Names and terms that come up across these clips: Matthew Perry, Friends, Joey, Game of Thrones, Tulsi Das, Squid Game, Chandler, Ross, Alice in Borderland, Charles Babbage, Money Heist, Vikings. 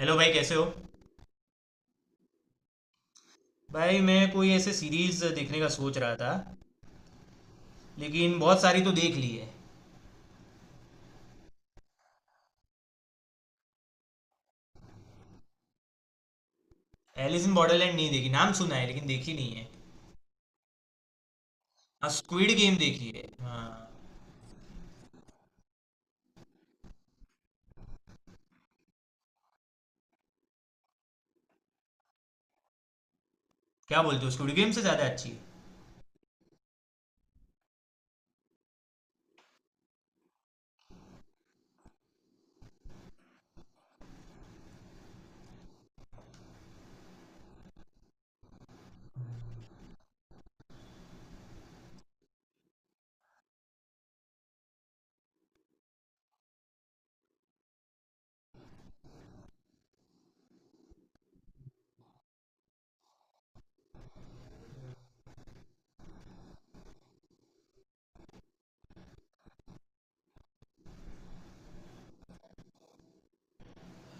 Hello भाई, कैसे हो? भाई, मैं कोई ऐसे सीरीज देखने का सोच रहा था। लेकिन बहुत सारी तो देख ली है। एलिस इन बॉर्डरलैंड नहीं देखी, नाम सुना है लेकिन देखी नहीं है। हाँ, स्क्विड गेम देखी है, हाँ। क्या बोलते हो? स्क्विड गेम से ज़्यादा अच्छी है?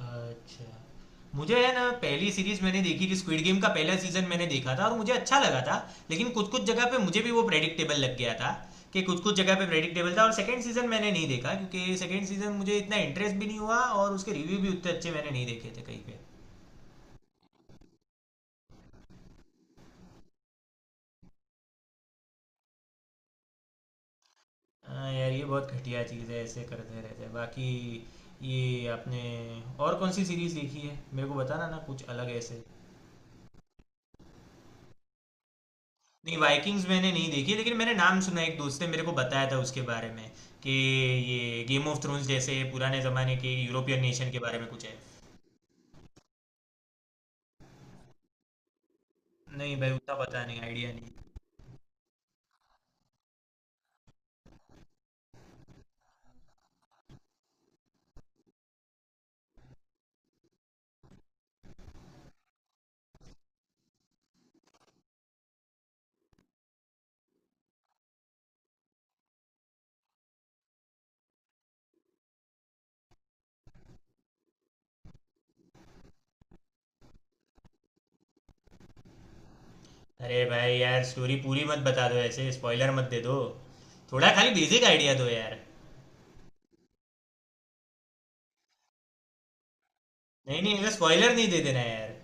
अच्छा, मुझे है ना, पहली सीरीज मैंने देखी थी स्क्विड गेम का, पहला सीजन मैंने देखा था और मुझे अच्छा लगा था। लेकिन कुछ कुछ जगह पे मुझे भी वो प्रेडिक्टेबल लग गया था। कि कुछ कुछ जगह पे प्रेडिक्टेबल था, और सेकंड सीजन मैंने नहीं देखा क्योंकि सेकंड सीजन मुझे इतना इंटरेस्ट भी नहीं हुआ, और उसके रिव्यू भी उतने अच्छे मैंने नहीं देखे थे कहीं पे। हाँ यार, ये बहुत घटिया चीज़ है, ऐसे करते रहते हैं। बाकी ये आपने और कौन-सी सीरीज़ देखी है? मेरे को बताना ना कुछ अलग ऐसे। नहीं, वाइकिंग्स मैंने नहीं देखी, लेकिन मैंने नाम सुना है, एक दोस्त ने मेरे को बताया था उसके बारे में कि ये गेम ऑफ थ्रोन्स जैसे पुराने ज़माने के यूरोपियन नेशन के बारे में कुछ है। नहीं भाई, उतना पता नहीं, आइडिया नहीं। अरे भाई यार, स्टोरी पूरी मत बता दो ऐसे, स्पॉइलर मत दे दो। थोड़ा खाली बेसिक आइडिया दो यार। नहीं, नहीं, ऐसे स्पॉइलर नहीं दे देना यार।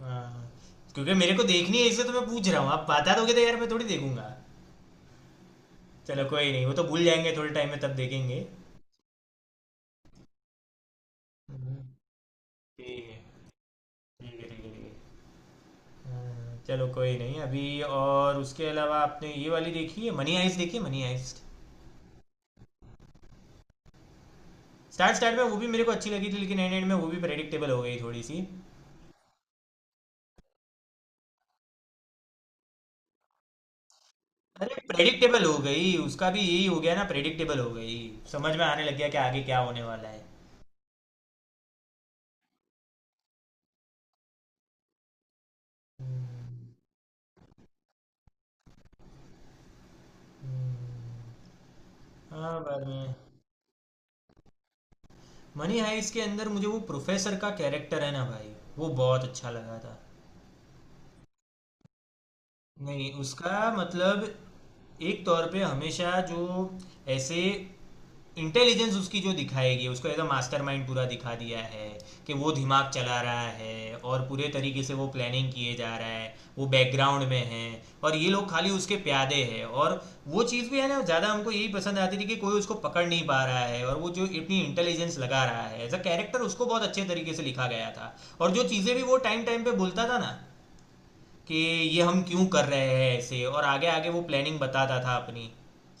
हाँ, क्योंकि मेरे को देखनी है इसलिए तो मैं पूछ रहा हूँ। आप बता दोगे तो यार मैं थोड़ी देखूंगा। चलो कोई नहीं, वो तो भूल जाएंगे थोड़े टाइम में, तब देखेंगे। हम्म, ठीक है। ठीक है, ठीक है, ठीक है। हाँ, चलो कोई नहीं अभी। और उसके अलावा आपने ये वाली देखी है, मनी हाइस्ट? देखी है मनी हाइस्ट? स्टार्ट स्टार्ट में वो भी मेरे को अच्छी लगी थी, लेकिन एंड एंड में वो भी प्रेडिक्टेबल हो गई थोड़ी सी। अरे प्रेडिक्टेबल हो गई, उसका भी यही हो गया ना, प्रेडिक्टेबल हो गई। समझ में आने लग गया कि आगे क्या होने वाला है। हम्म। हाँ, बाद में मनी हाइस्ट के अंदर मुझे वो प्रोफेसर का कैरेक्टर है ना भाई, वो बहुत अच्छा लगा था। नहीं, उसका मतलब एक तौर पे हमेशा जो ऐसे इंटेलिजेंस उसकी जो दिखाएगी, उसको एज अ मास्टरमाइंड पूरा दिखा दिया है कि वो दिमाग चला रहा है और पूरे तरीके से वो प्लानिंग किए जा रहा है, वो बैकग्राउंड में है और ये लोग खाली उसके प्यादे हैं। और वो चीज़ भी है ना, ज़्यादा हमको यही पसंद आती थी कि कोई उसको पकड़ नहीं पा रहा है, और वो जो इतनी इंटेलिजेंस लगा रहा है एज अ कैरेक्टर, उसको बहुत अच्छे तरीके से लिखा गया था। और जो चीज़ें भी वो टाइम टाइम पे बोलता था ना कि ये हम क्यों कर रहे हैं ऐसे, और आगे आगे वो प्लानिंग बताता था अपनी,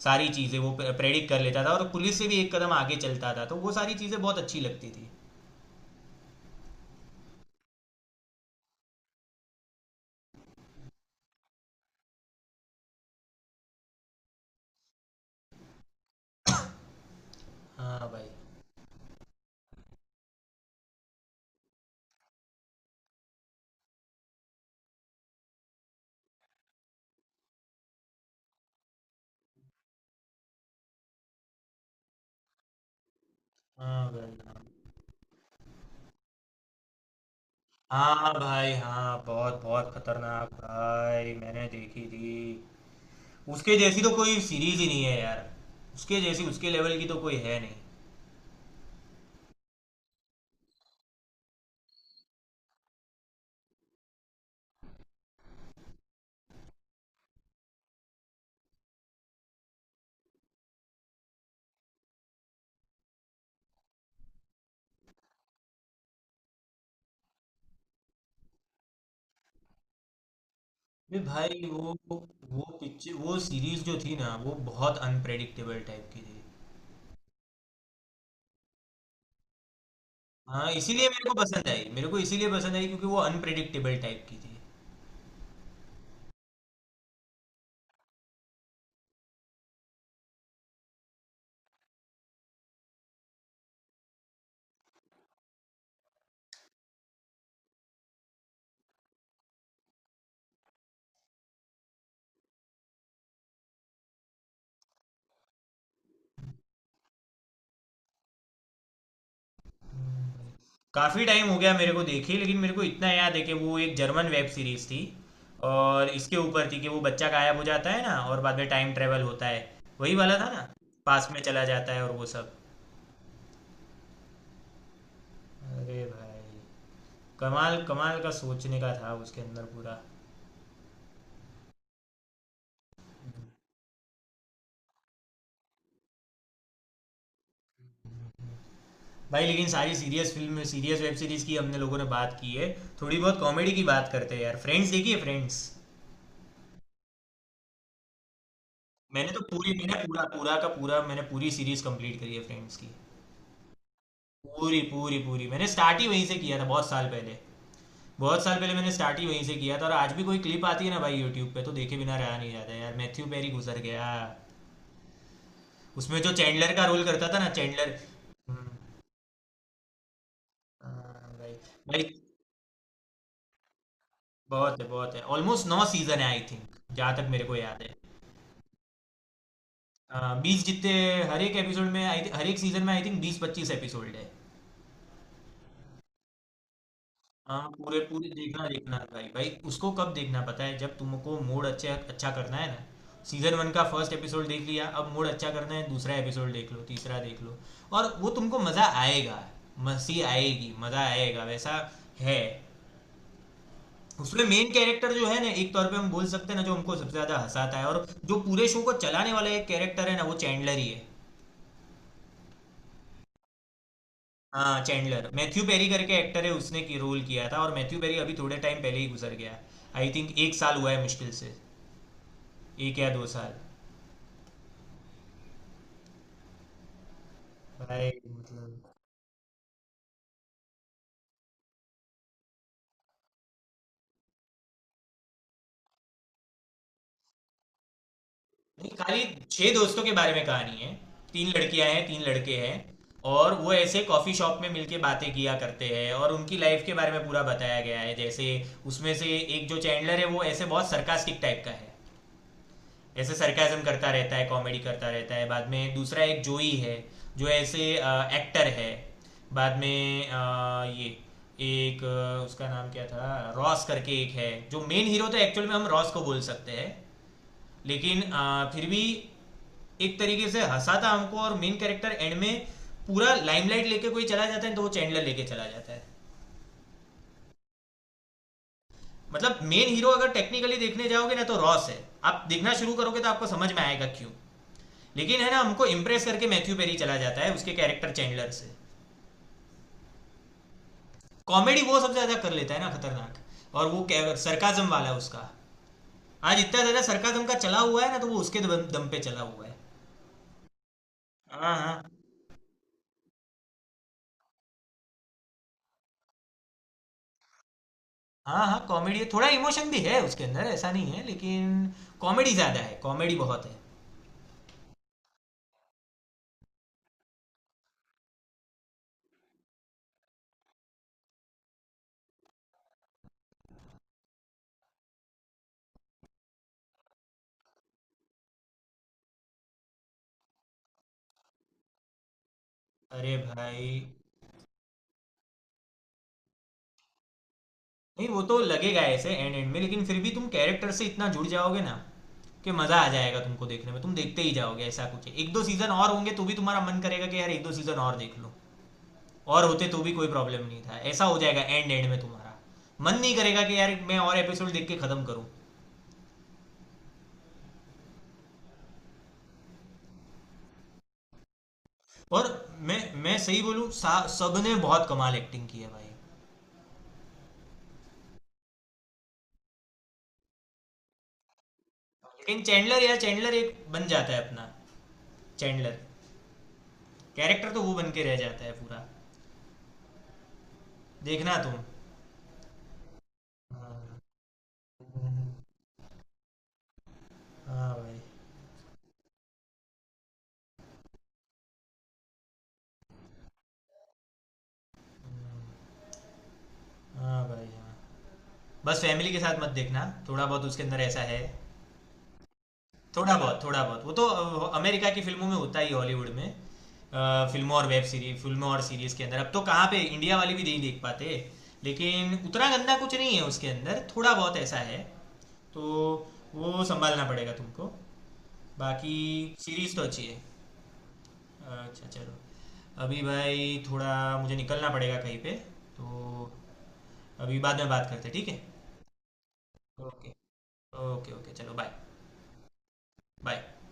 सारी चीज़ें वो प्रेडिक्ट कर लेता था और पुलिस से भी एक कदम आगे चलता था, तो वो सारी चीज़ें बहुत अच्छी लगती थी। हाँ भाई, हाँ भाई, हाँ, हाँ भाई, हाँ बहुत बहुत खतरनाक भाई, मैंने देखी थी। उसके जैसी तो कोई सीरीज ही नहीं है यार, उसके जैसी, उसके लेवल की तो कोई है नहीं। ये भाई, वो पिक्चर, वो सीरीज जो थी ना, वो बहुत अनप्रेडिक्टेबल टाइप की थी। हाँ इसीलिए मेरे को पसंद आई, मेरे को इसीलिए पसंद आई क्योंकि वो अनप्रिडिक्टेबल टाइप की थी। काफ़ी टाइम हो गया मेरे को देखे, लेकिन मेरे को इतना याद है कि वो एक जर्मन वेब सीरीज थी। और इसके ऊपर थी कि वो बच्चा गायब हो जाता है ना, और बाद में टाइम ट्रेवल होता है। वही वाला था ना, पास में चला जाता है और वो सब। अरे भाई, कमाल कमाल का सोचने का था उसके अंदर पूरा। भाई लेकिन सारी serious film, serious web series की हमने लोगों ने बात की है। थोड़ी बहुत कॉमेडी की बात करते हैं यार। फ्रेंड्स देखिए, फ्रेंड्स। मैंने तो पूरी मैंने पूरा पूरा का पूरा मैंने पूरी सीरीज कंप्लीट करी है फ्रेंड्स की। पूरी पूरी पूरी, मैंने स्टार्ट ही वहीं से किया था बहुत साल पहले। बहुत साल पहले मैंने स्टार्ट ही वहीं से किया था, और आज भी कोई क्लिप आती है ना भाई यूट्यूब पे तो देखे बिना रहा नहीं जाता यार। मैथ्यू पेरी गुजर गया। उसमें जो चैंडलर का रोल करता था ना, चैंडलर। हम्म, हाँ भाई। भाई, बहुत है बहुत है, ऑलमोस्ट नौ सीजन है आई थिंक, जहाँ तक मेरे को याद है। हाँ, 20 जितने, हर एक सीजन में आई थिंक 20-25 एपिसोड है। हाँ, पूरे पूरे देखना देखना है भाई भाई। उसको कब देखना पता है? जब तुमको मूड अच्छे अच्छा करना है ना, सीजन वन का फर्स्ट एपिसोड देख लिया, अब मूड अच्छा करना है, दूसरा एपिसोड देख लो, तीसरा देख लो। और वो तुमको मजा आएगा, मस्ती आएगी, मजा आएगा, वैसा है। उसमें मेन कैरेक्टर जो है ना, एक तौर पे हम बोल सकते हैं ना, जो हमको सबसे ज्यादा हंसाता है और जो पूरे शो को चलाने वाला एक कैरेक्टर है ना, वो चैंडलर ही है। हाँ चैंडलर, मैथ्यू पेरी करके एक्टर है, उसने की रोल किया था और मैथ्यू पेरी अभी थोड़े टाइम पहले ही गुजर गया। आई थिंक 1 साल हुआ है मुश्किल से, 1 या 2 साल। भाई मतलब, नहीं, खाली छह दोस्तों के बारे में कहानी है। तीन लड़कियां हैं, तीन लड़के हैं। और वो ऐसे कॉफी शॉप में मिलके बातें किया करते हैं, और उनकी लाइफ के बारे में पूरा बताया गया है, जैसे उसमें से एक जो चैंडलर है, वो ऐसे बहुत सरकास्टिक टाइप का है। ऐसे सरकाजम करता रहता है, कॉमेडी करता रहता है। बाद में दूसरा एक जोई है, जो ऐसे एक्टर है। बाद में ये एक, उसका नाम क्या था, रॉस करके एक है जो मेन हीरो, तो एक्चुअल में हम रॉस को बोल सकते हैं। लेकिन फिर भी एक तरीके से हंसाता हमको, और मेन कैरेक्टर एंड में पूरा लाइमलाइट लेके कोई चला जाता है तो वो चैंडलर लेके चला जाता है। मतलब मेन हीरो अगर टेक्निकली देखने जाओगे ना तो रॉस है। आप देखना शुरू करोगे तो आपको समझ में आएगा क्यों। लेकिन है ना, हमको इम्प्रेस करके मैथ्यू पेरी चला जाता है, उसके कैरेक्टर चैंडलर से। कॉमेडी वो सबसे ज्यादा कर लेता है ना खतरनाक, और वो सरकाजम वाला है उसका। आज इतना ज्यादा सरकाजम का चला हुआ है ना, तो वो उसके दम दम पे चला हुआ है। हाँ हाँ, हाँ हाँ, कॉमेडी, थोड़ा इमोशन भी है उसके अंदर, ऐसा नहीं है लेकिन कॉमेडी ज्यादा है, कॉमेडी बहुत है। अरे भाई, नहीं, वो तो लगेगा ऐसे एंड एंड में, लेकिन फिर भी तुम कैरेक्टर से इतना जुड़ जाओगे ना कि मजा आ जाएगा तुमको देखने में, तुम देखते ही जाओगे, ऐसा कुछ है। एक दो सीजन और होंगे तो भी तुम्हारा मन करेगा कि यार एक दो सीजन और देख लो। और होते तो भी कोई प्रॉब्लम नहीं था, ऐसा हो जाएगा एंड एंड में तुम्हारा मन नहीं करेगा कि यार मैं और एपिसोड देख के खत्म करूं। और मैं सही बोलूं, सब ने बहुत कमाल एक्टिंग की है भाई। लेकिन चैंडलर, यार चैंडलर एक बन जाता है अपना। चैंडलर कैरेक्टर तो वो बन के रह जाता है पूरा, देखना तुम। हाँ भाई, हाँ भाई, हाँ, बस फैमिली के साथ मत देखना, थोड़ा बहुत उसके अंदर ऐसा है। थोड़ा बहुत वो तो अमेरिका की फिल्मों में होता ही, हॉलीवुड में, फिल्मों और सीरीज के अंदर, अब तो कहाँ पे, इंडिया वाली भी नहीं देख पाते। लेकिन उतना गंदा कुछ नहीं है उसके अंदर, थोड़ा बहुत ऐसा है। तो वो संभालना पड़ेगा तुमको। बाकी सीरीज तो अच्छी है। अच्छा चलो, अभी भाई थोड़ा मुझे निकलना पड़ेगा कहीं पे तो। अभी बाद में बात करते हैं, ठीक है? ओके, ओके, ओके, चलो बाय। बाय।